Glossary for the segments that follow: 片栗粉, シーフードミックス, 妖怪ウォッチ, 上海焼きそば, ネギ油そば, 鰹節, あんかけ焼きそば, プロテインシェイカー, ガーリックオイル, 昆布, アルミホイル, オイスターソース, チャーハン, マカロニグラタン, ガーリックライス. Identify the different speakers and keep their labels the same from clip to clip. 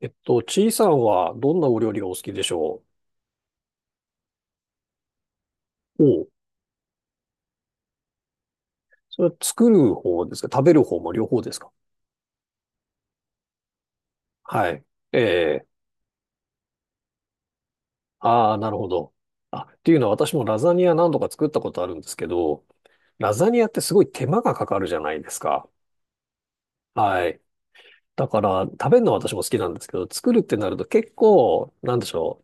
Speaker 1: ちいさんはどんなお料理がお好きでしょう？おう。それは作る方ですか？食べる方も両方ですか？はい。ええ。ああ、なるほど。っていうのは私もラザニア何度か作ったことあるんですけど、ラザニアってすごい手間がかかるじゃないですか。はい。だから、食べるのは私も好きなんですけど、作るってなると結構、なんでしょ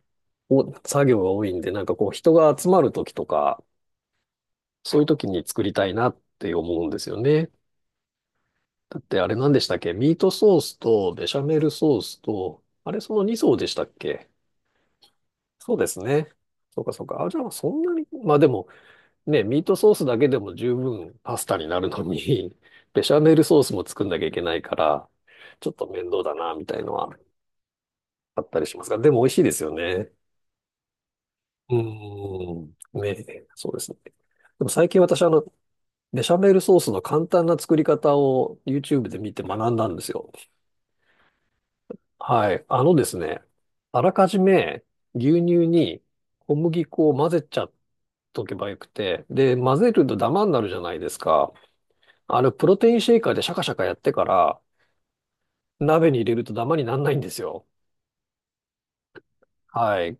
Speaker 1: う。お、作業が多いんで、なんかこう人が集まる時とか、そういう時に作りたいなって思うんですよね。だってあれ何でしたっけ？ミートソースとベシャメルソースと、あれその2層でしたっけ？そうですね。そうかそうか。あ、じゃあそんなに、まあでもね、ミートソースだけでも十分パスタになるのに、ベシャメルソースも作んなきゃいけないから、ちょっと面倒だな、みたいのはあったりしますが、でも美味しいですよね。うーん。ね、そうですね。でも最近私ベシャメルソースの簡単な作り方を YouTube で見て学んだんですよ。はい。あのですね、あらかじめ牛乳に小麦粉を混ぜちゃっとけばよくて、で、混ぜるとダマになるじゃないですか。あの、プロテインシェイカーでシャカシャカやってから、鍋に入れるとダマにならないんですよ。はい。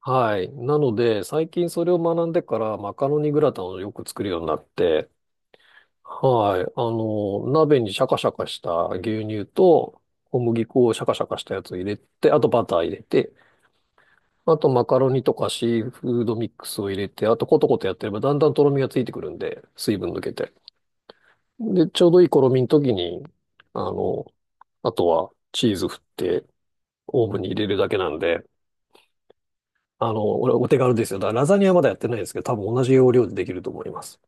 Speaker 1: はい。なので、最近それを学んでから、マカロニグラタンをよく作るようになって、はい。あの、鍋にシャカシャカした牛乳と、小麦粉をシャカシャカしたやつを入れて、あとバター入れて、あと、マカロニとかシーフードミックスを入れて、あと、コトコトやってれば、だんだんとろみがついてくるんで、水分抜けて。で、ちょうどいいとろみの時に、あの、あとは、チーズ振って、オーブンに入れるだけなんで、あの、俺、お手軽ですよ。だからラザニアまだやってないんですけど、多分同じ要領でできると思います。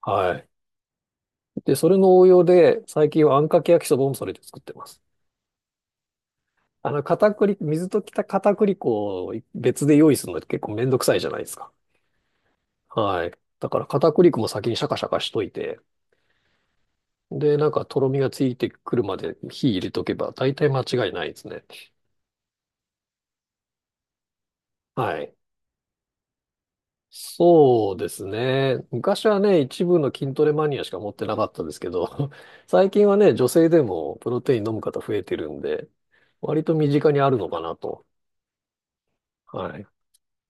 Speaker 1: はい。で、それの応用で、最近はあんかけ焼きそばもそれで作ってます。あの、片栗、水溶きた片栗粉を別で用意するのって結構めんどくさいじゃないですか。はい。だから片栗粉も先にシャカシャカしといて、で、なんか、とろみがついてくるまで火入れとけば、大体間違いないですね。はい。そうですね。昔はね、一部の筋トレマニアしか持ってなかったですけど、最近はね、女性でもプロテイン飲む方増えてるんで、割と身近にあるのかなと。はい。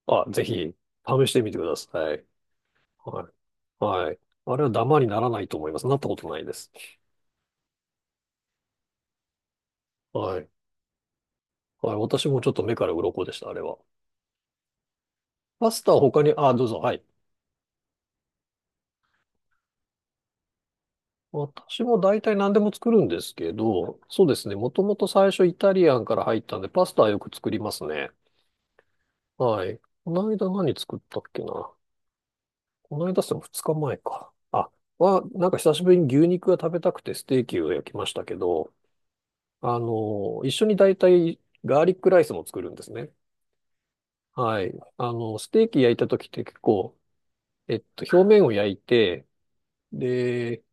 Speaker 1: あ、ぜひ、試してみてください。はい。はい。あれはダマにならないと思います。なったことないです。はい。はい。私もちょっと目から鱗でした、あれは。パスタは他に、あ、どうぞ。はい。私も大体何でも作るんですけど、そうですね。もともと最初イタリアンから入ったんで、パスタはよく作りますね。はい。この間何作ったっけな。この間って2日前か。あ、は、なんか久しぶりに牛肉が食べたくてステーキを焼きましたけど、あの、一緒に大体ガーリックライスも作るんですね。はい。あの、ステーキ焼いた時って結構、表面を焼いて、で、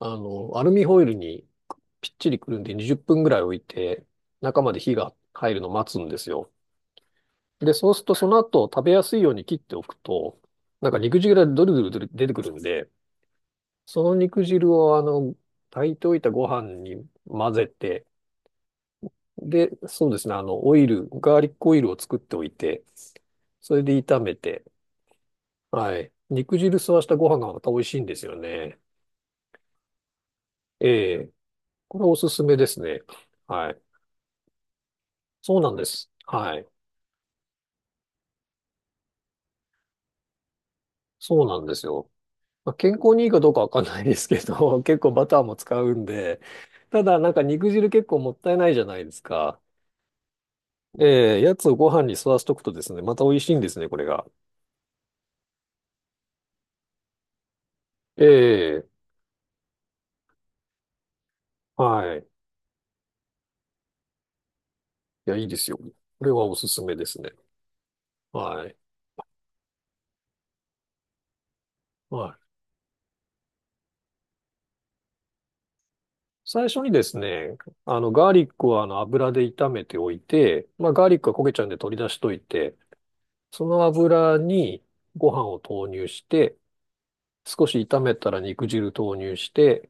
Speaker 1: あの、アルミホイルにぴっちりくるんで20分ぐらい置いて、中まで火が入るのを待つんですよ。で、そうするとその後食べやすいように切っておくと、なんか肉汁がドルドルドル出てくるんで、その肉汁をあの、炊いておいたご飯に混ぜて、で、そうですね、あの、オイル、ガーリックオイルを作っておいて、それで炒めて、はい。肉汁吸わしたご飯がまた美味しいんですよね。ええ。これおすすめですね。はい。そうなんです。はい。そうなんですよ。まあ、健康にいいかどうかわかんないですけど、結構バターも使うんで、ただなんか肉汁結構もったいないじゃないですか。ええ、やつをご飯に吸わしとくとですね、また美味しいんですね、これが。ええ、はい。いや、いいですよ。これはおすすめですね。はい。はい。最初にですね、あの、ガーリックはあの油で炒めておいて、まあ、ガーリックは焦げちゃうんで取り出しといて、その油にご飯を投入して、少し炒めたら肉汁投入して、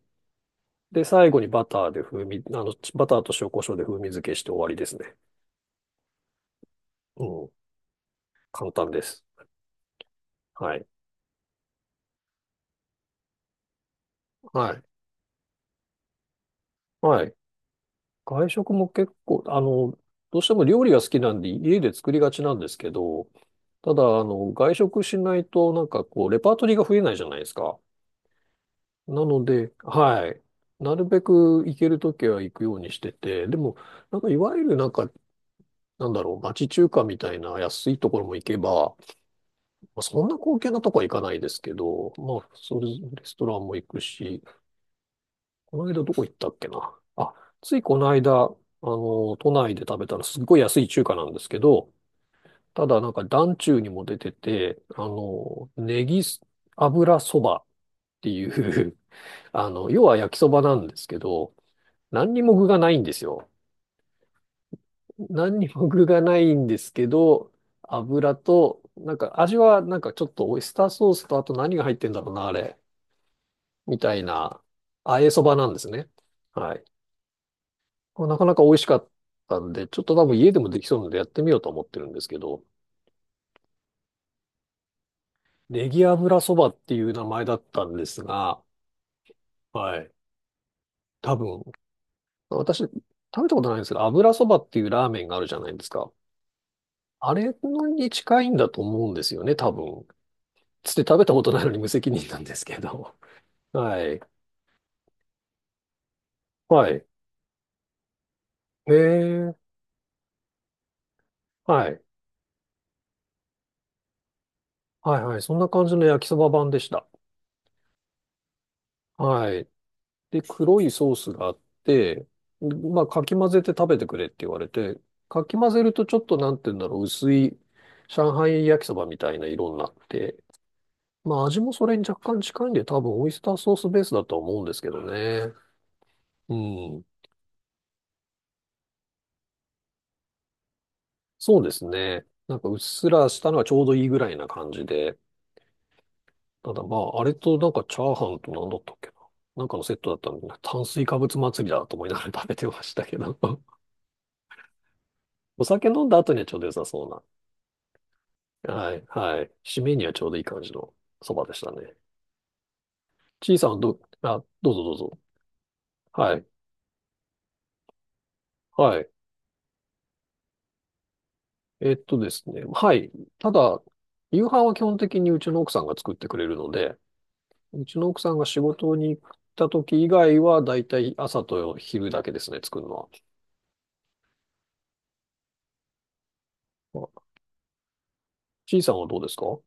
Speaker 1: で、最後にバターで風味、あの、バターと塩コショウで風味付けして終わりですね。うん。簡単です。はい。はい。はい。外食も結構、あの、どうしても料理が好きなんで家で作りがちなんですけど、ただ、あの、外食しないとなんかこう、レパートリーが増えないじゃないですか。なので、はい。なるべく行けるときは行くようにしてて、でも、なんかいわゆるなんか、なんだろう、町中華みたいな安いところも行けば、まあそんな高級なとこは行かないですけど、まあ、それ、レストランも行くし、この間どこ行ったっけな。あ、ついこの間、あの、都内で食べたらすっごい安い中華なんですけど、ただなんか団中にも出てて、あの、ネギ油そばっていう あの、要は焼きそばなんですけど、何にも具がないんですよ。何にも具がないんですけど、油と、なんか味はなんかちょっとオイスターソースとあと何が入ってんだろうな、あれ。みたいな、あえそばなんですね。はい。これなかなか美味しかったんで、ちょっと多分家でもできそうなのでやってみようと思ってるんですけど、ネギ油そばっていう名前だったんですが、はい。多分、私、食べたことないんですけど、油そばっていうラーメンがあるじゃないですか。あれのに近いんだと思うんですよね、多分。つって食べたことないのに無責任なんですけど。はい。はい。えー、はい。はいはい。そんな感じの焼きそば版でした。はい。で、黒いソースがあって、まあ、かき混ぜて食べてくれって言われて、かき混ぜるとちょっとなんて言うんだろう、薄い上海焼きそばみたいな色になって、まあ、味もそれに若干近いんで、多分オイスターソースベースだとは思うんですけどね。うん。そうですね。なんかうっすらしたのがちょうどいいぐらいな感じで。ただまあ、あれとなんかチャーハンと何だったっけな。なんかのセットだったんで、炭水化物祭りだと思いながら食べてましたけど。お酒飲んだ後にはちょうど良さそうな。はい、はい。締めにはちょうどいい感じのそばでしたね。ちいさんはど、あ、どうぞどうぞ。はい、はい。えっとですね。はい。ただ、夕飯は基本的にうちの奥さんが作ってくれるので、うちの奥さんが仕事に行った時以外は、だいたい朝と昼だけですね、作るのは。あ、ちいさんはどうですか？お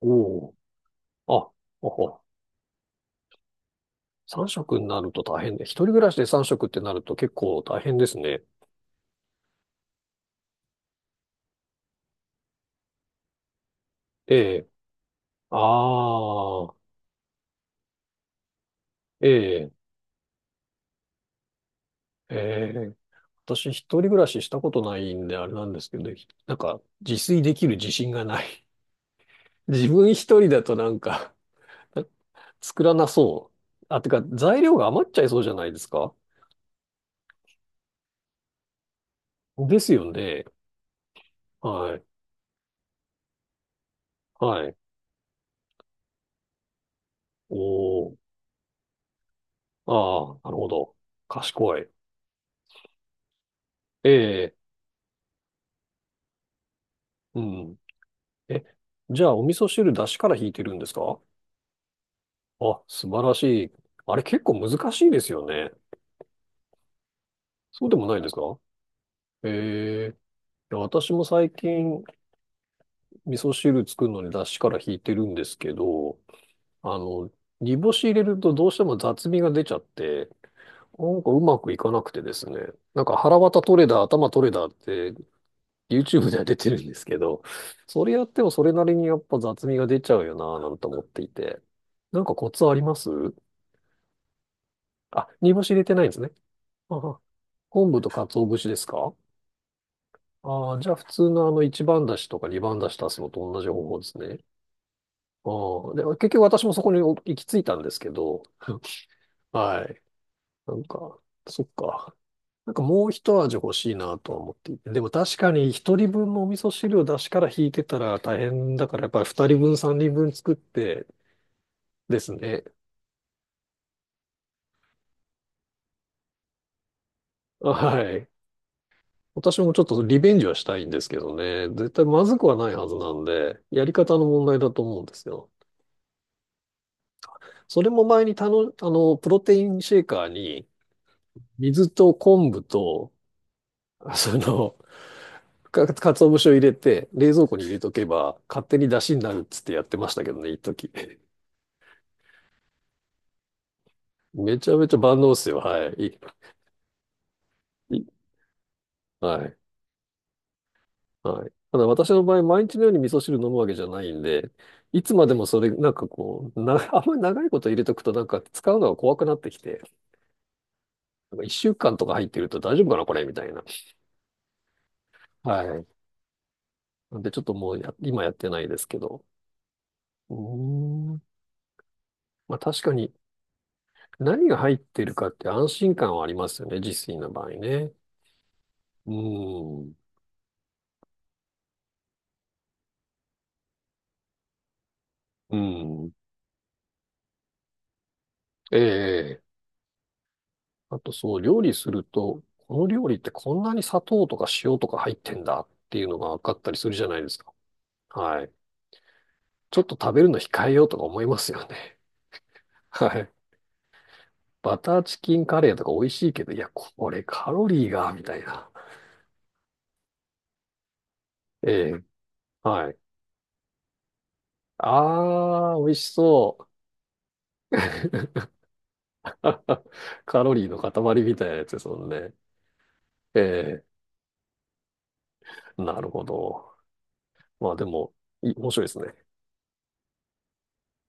Speaker 1: おー。あ、ほほ。3食になると大変ね。一人暮らしで3食ってなると結構大変ですね。ええ。ああ、ええ。ええ、私一人暮らししたことないんであれなんですけど、なんか自炊できる自信がない。自分一人だとなんか 作らなそう。あ、てか材料が余っちゃいそうじゃないですか。ですよね。はい。はい。おー。ああ、なるほど。賢い。ええ、うん。え、じゃあお味噌汁出汁から引いてるんですか？あ、素晴らしい。あれ結構難しいですよね。そうでもないですか？ええ。いや私も最近、味噌汁作るのに出汁から引いてるんですけど、あの、煮干し入れるとどうしても雑味が出ちゃって、なんかうまくいかなくてですね、なんか腹渡取れだ、頭取れだって YouTube では出てるんですけど、それやってもそれなりにやっぱ雑味が出ちゃうよなぁなんて思っていて、なんかコツあります？あ、煮干し入れてないんですね。ああ、昆布と鰹節ですか？ああ、じゃあ普通のあの一番だしとか二番だし足すのと同じ方法ですね。ああ、で、結局私もそこに行き着いたんですけど、はい。なんか、そっか。なんかもう一味欲しいなとは思っていて。でも確かに一人分のお味噌汁を出しから引いてたら大変だから、やっぱり二人分、三人分作ってですね。はい。私もちょっとリベンジはしたいんですけどね。絶対まずくはないはずなんで、やり方の問題だと思うんですよ。それも前にプロテインシェーカーに水と昆布と、その、か節を入れて、冷蔵庫に入れとけば、勝手に出汁になるっつってやってましたけどね、一時。めちゃめちゃ万能っすよ、はい。いはい。はい。ただ私の場合、毎日のように味噌汁飲むわけじゃないんで、いつまでもそれ、なんかこう、あんまり長いこと入れとくとなんか使うのが怖くなってきて、なんか一週間とか入ってると大丈夫かな、これ、みたいな。はい。なんでちょっともう今やってないですけど。うーん。まあ確かに何が入ってるかって安心感はありますよね、自炊の場合ね。うん。うん。ええ。あと、その料理すると、この料理ってこんなに砂糖とか塩とか入ってんだっていうのが分かったりするじゃないですか。はい。ちょっと食べるの控えようとか思いますよね。はい。バターチキンカレーとか美味しいけど、いや、これカロリーが、みたいな。ええ。はい。あー、美味しそう。カロリーの塊みたいなやつですもんね。ええ。なるほど。まあでも、面白いですね。